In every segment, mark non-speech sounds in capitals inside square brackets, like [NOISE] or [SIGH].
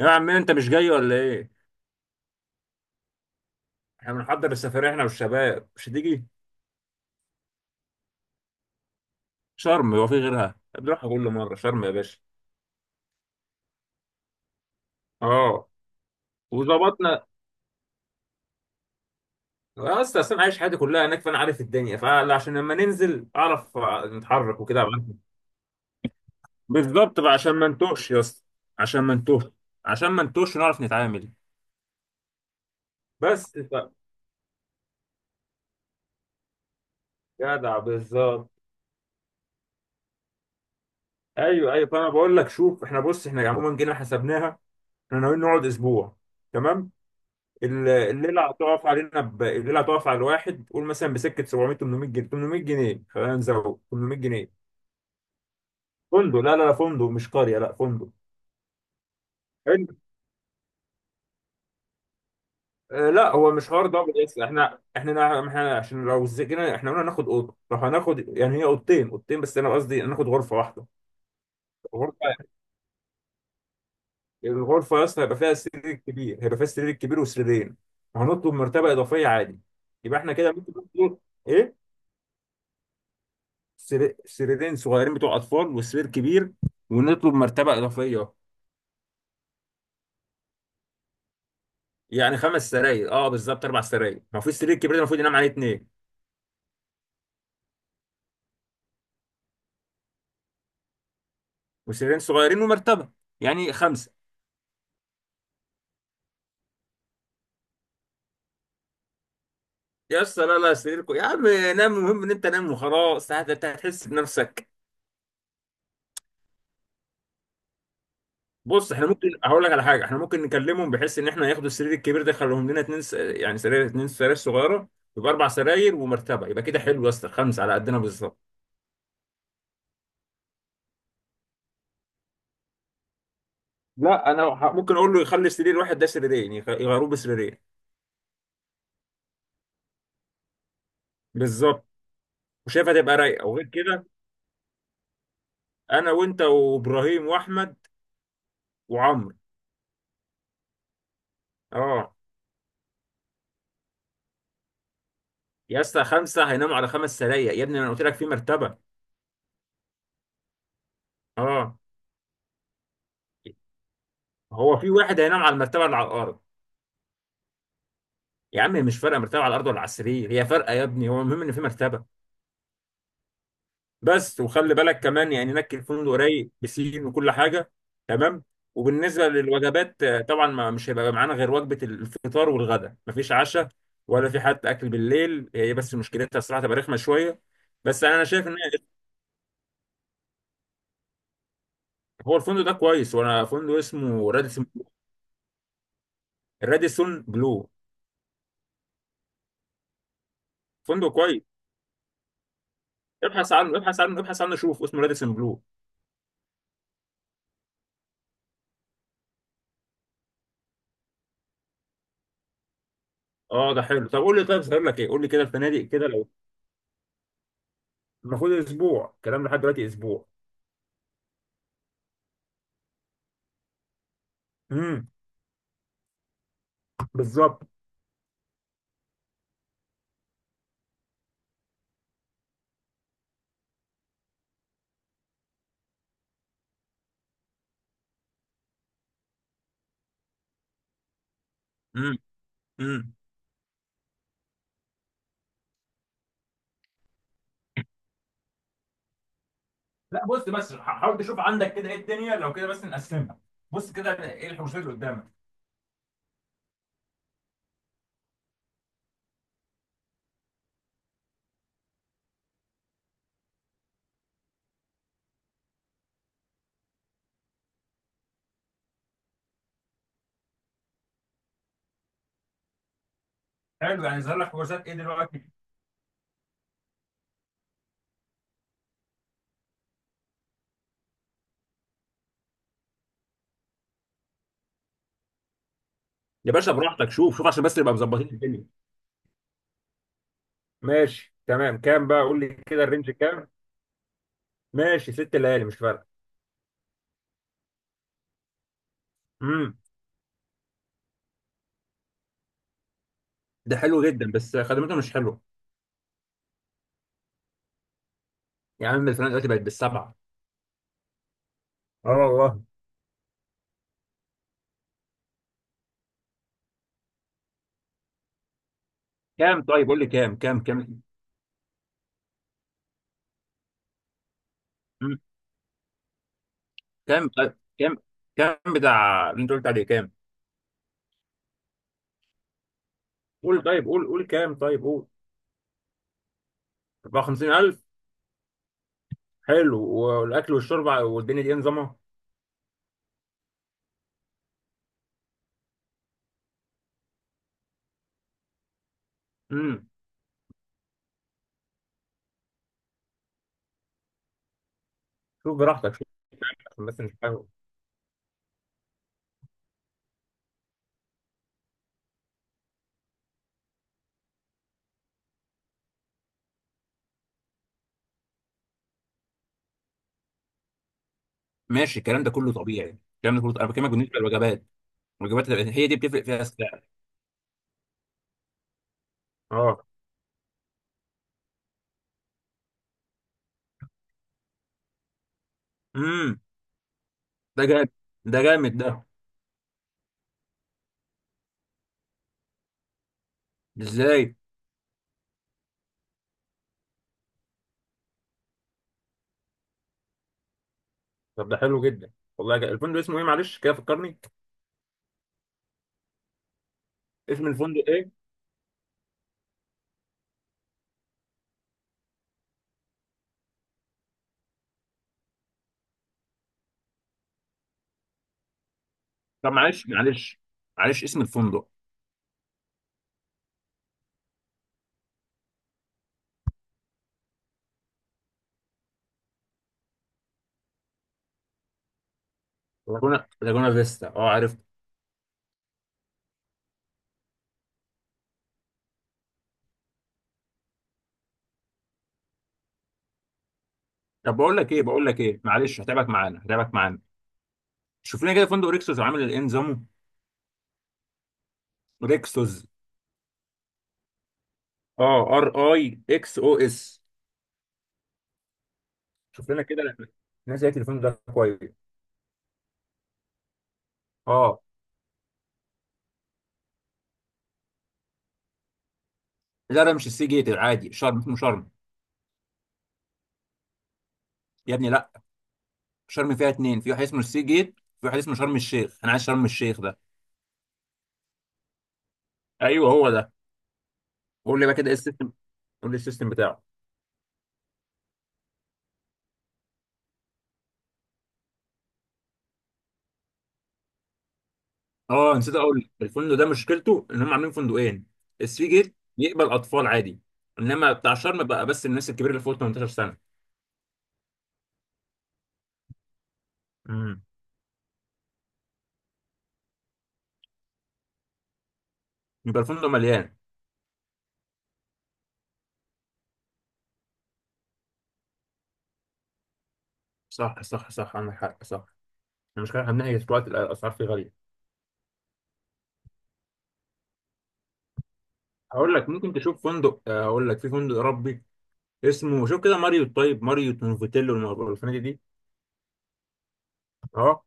يا عم، انت مش جاي ولا ايه؟ احنا بنحضر السفرية احنا والشباب. مش هتيجي؟ شرم، هو في غيرها؟ بنروحها كل مرة شرم يا باشا. اه. وظبطنا. اه، اصلا عايش حياتي كلها هناك، فانا عارف الدنيا. فعشان لما ننزل اعرف نتحرك وكده أبقى عارف. بالظبط بقى، عشان ما نتوهش يا اسطى. عشان ما نتوهش. عشان ما نتوهش ونعرف نتعامل. بس. جدع، بالظبط. ايوه، ايوه، فانا بقول لك شوف، احنا بص احنا عموما جينا حسبناها. احنا ناويين نقعد اسبوع. تمام. الليله هتقف على الواحد، قول مثلا بسكه 700، 800 جنيه. 800 جنيه، خلينا نزود. 800 جنيه. فندق، لا لا لا، فندق مش قريه، لا فندق. حلو. آه لا، هو مش حوار دبل يس. احنا عشان لو زجنا احنا قلنا ناخد اوضه، لو هناخد يعني هي اوضتين، اوضتين، بس انا قصدي ناخد غرفه واحده. غرفه. الغرفه يا اسطى هيبقى فيها سرير كبير، هيبقى فيها سرير كبير وسريرين. وهنطلب مرتبه اضافيه عادي. يبقى احنا كده ممكن نطلب. ايه؟ سريرين صغيرين بتوع اطفال وسرير كبير. ونطلب مرتبه اضافيه. يعني خمس سراير، اه بالظبط، اربع سراير، ما في السرير الكبير ده المفروض ينام عليه اثنين. وسريرين صغيرين ومرتبه. يعني خمسه. يا اسطى لا لا، سريركم يا عم، نام، المهم ان انت نام وخلاص. هتحس بنفسك. بص، احنا ممكن، هقول لك على حاجه، احنا ممكن نكلمهم بحيث ان احنا ياخدوا السرير الكبير ده، يخليهم لنا اتنين يعني سرير، اتنين سراير صغيره. يبقى اربع سراير ومرتبه. يبقى كده حلو يا اسطى، خمسه على قدنا بالظبط. لا، انا ممكن اقول له يخلي سرير واحد ده سريرين، يغيروه بسريرين. بالظبط. وشايفها تبقى رايقه. وغير كده، انا وانت وابراهيم واحمد. وعمرو. اه. يا اسطى، خمسه هيناموا على خمس سرايا يا ابني، انا قلت لك في مرتبه. اه، هو في واحد هينام على المرتبه اللي على الارض. يا عم مش فارقه، مرتبه على الارض ولا على السرير، هي فارقه يا ابني؟ هو المهم ان في مرتبه. بس، وخلي بالك كمان، يعني نكي الفندق رايق بسين وكل حاجه. تمام. وبالنسبه للوجبات، طبعا ما مش هيبقى معانا غير وجبه الفطار والغداء، مفيش عشاء. ولا في حتى اكل بالليل، هي بس مشكلتها الصراحه تبقى رخمه شويه. بس انا شايف ان هو الفندق ده كويس. وانا فندق اسمه راديسون. راديسون بلو. فندق كويس. ابحث عنه، ابحث عنه، ابحث عنه، شوف اسمه راديسون بلو. اه ده حلو، طب قول لي، طيب صغير لك ايه؟ قول لي كده الفنادق كده لو. المفروض اسبوع كلام، لحد دلوقتي اسبوع. امم. بالظبط. امم. لا بص، بس حاول تشوف عندك كده ايه الدنيا، لو كده بس نقسمها. بص كده ايه الحوشات اللي قدامك. حلو، يعني ظهر لك حوشات ايه دلوقتي؟ يا باشا براحتك، شوف شوف، عشان بس نبقى مظبطين الدنيا. ماشي تمام، كام بقى؟ قول لي كده الرينج كام. ماشي، 6 ليالي مش فارقه. امم. ده حلو جدا بس خدمته مش حلوه. يا عم الفلانه دلوقتي بقت بالسبعه. اه والله. كام طيب؟ قول لي كام كام كام. امم. كام طيب كام؟ كام بتاع اللي انت قلت عليه كام؟ قول طيب، قول قول كام، طيب قول. 54000. حلو، والاكل والشرب والدنيا دي نظامها؟ امم. شوف براحتك، شوف، عشان بس مش حاجه. ماشي، الكلام ده كله طبيعي، الكلام ده كله انا بكلمك بالنسبه للوجبات. الوجبات هي دي بتفرق فيها السعر. اه. امم. ده جامد. ده جامد ده. ازاي؟ طب ده حلو جدا. والله جا. الفندق اسمه ايه؟ معلش كده فكرني. اسم الفندق ايه؟ طب معلش، معلش. معلش، اسم الفندق. لاجونا، لاجونا فيستا، اه عرفت. طب بقول لك ايه، بقول لك ايه، معلش هتعبك معانا، هتعبك معانا. شوف لنا كده فندق ريكسوس عامل ايه نظامه. ريكسوس. اه، ار اي اكس او اس. شوف لنا كده. الناس هي، التليفون ده كويس. اه. لا، ده مش السي جيت العادي. شرم اسمه شرم. يا ابني لا، شرم فيها اتنين، في واحد اسمه السي جيت، في واحد اسمه شرم الشيخ، انا عايز شرم الشيخ ده. ايوه هو ده. قول لي بقى كده ايه السيستم. قول لي السيستم بتاعه. اه، نسيت اقول لك، الفندق ده مشكلته ان هم عاملين فندقين. السي جيت يقبل اطفال عادي. انما بتاع شرم بقى، بس الناس الكبيره اللي فوق 18 سنه. امم. يبقى الفندق مليان. صح صح صح، عندك حق، صح. المشكله احنا بنحكي دلوقتي، الاسعار فيه غاليه. هقول لك ممكن تشوف فندق، هقول لك في فندق اوروبي. اسمه، شوف كده ماريوت، طيب ماريوت نوفوتيلو والفنادق دي. اه.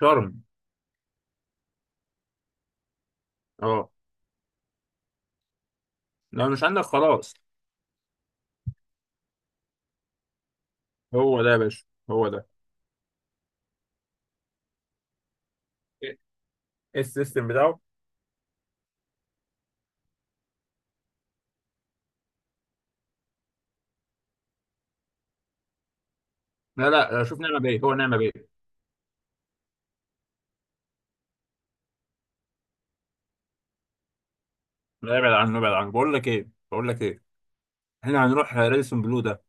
شرم. اه. لو مش عندك خلاص. هو ده يا باشا. هو ده. ايه؟ إيه السيستم بتاعه؟ لا لا، شوف نعمة بيه، هو نعمة بيه. لا، ابعد عنه، ابعد عنه، بقول لك ايه، بقول لك ايه، احنا هنروح راديسون بلو ده.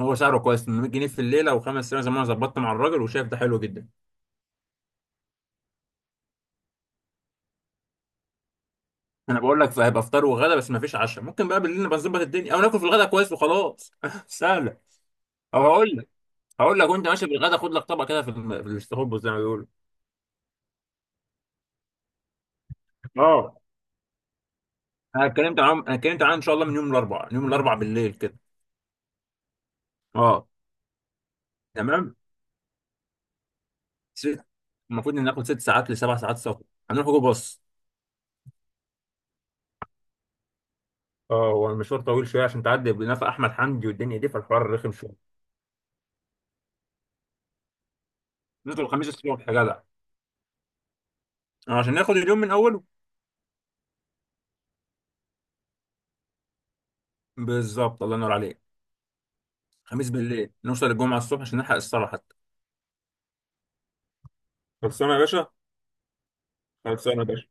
هو سعره كويس، 800 جنيه في الليله، وخمس سنين زي ما انا ظبطت مع الراجل، وشايف ده حلو جدا. انا بقول لك هيبقى فطار وغدا، بس ما فيش عشاء. ممكن بقى بالليل نبقى نظبط الدنيا، او ناكل في الغدا كويس وخلاص. [LAUGHS] سهله. او هقول. هقول لك، وانت ماشي بالغدا خد لك طبق كده في في الاستخبص، زي ما بيقولوا. اه. انا اتكلمت عنهم، انا اتكلمت عنهم، ان شاء الله من يوم الاربعاء، من يوم الاربعاء بالليل كده. اه. تمام. ست. المفروض ان ناخد 6 ساعات لسبع ساعات سفر. هنروح جو، باص. اه، هو المشوار طويل شويه عشان تعدي بنفق احمد حمدي والدنيا دي، فالحوار رخم شويه. نوصل الخميس الصبح يا جدع. آه، عشان ناخد اليوم من اوله. بالظبط، الله ينور عليك. خميس بالليل نوصل الجمعه الصبح عشان نلحق الصلاه حتى. خلصانه يا باشا. خلصانه يا باشا.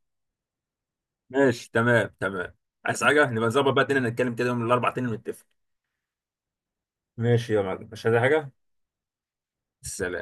ماشي تمام، تمام. عايز حاجه، نبقى نظبط بقى تاني، نتكلم كده يوم الاربعاء تاني ونتفق. ماشي يا معلم، مش عايز حاجة. سلام.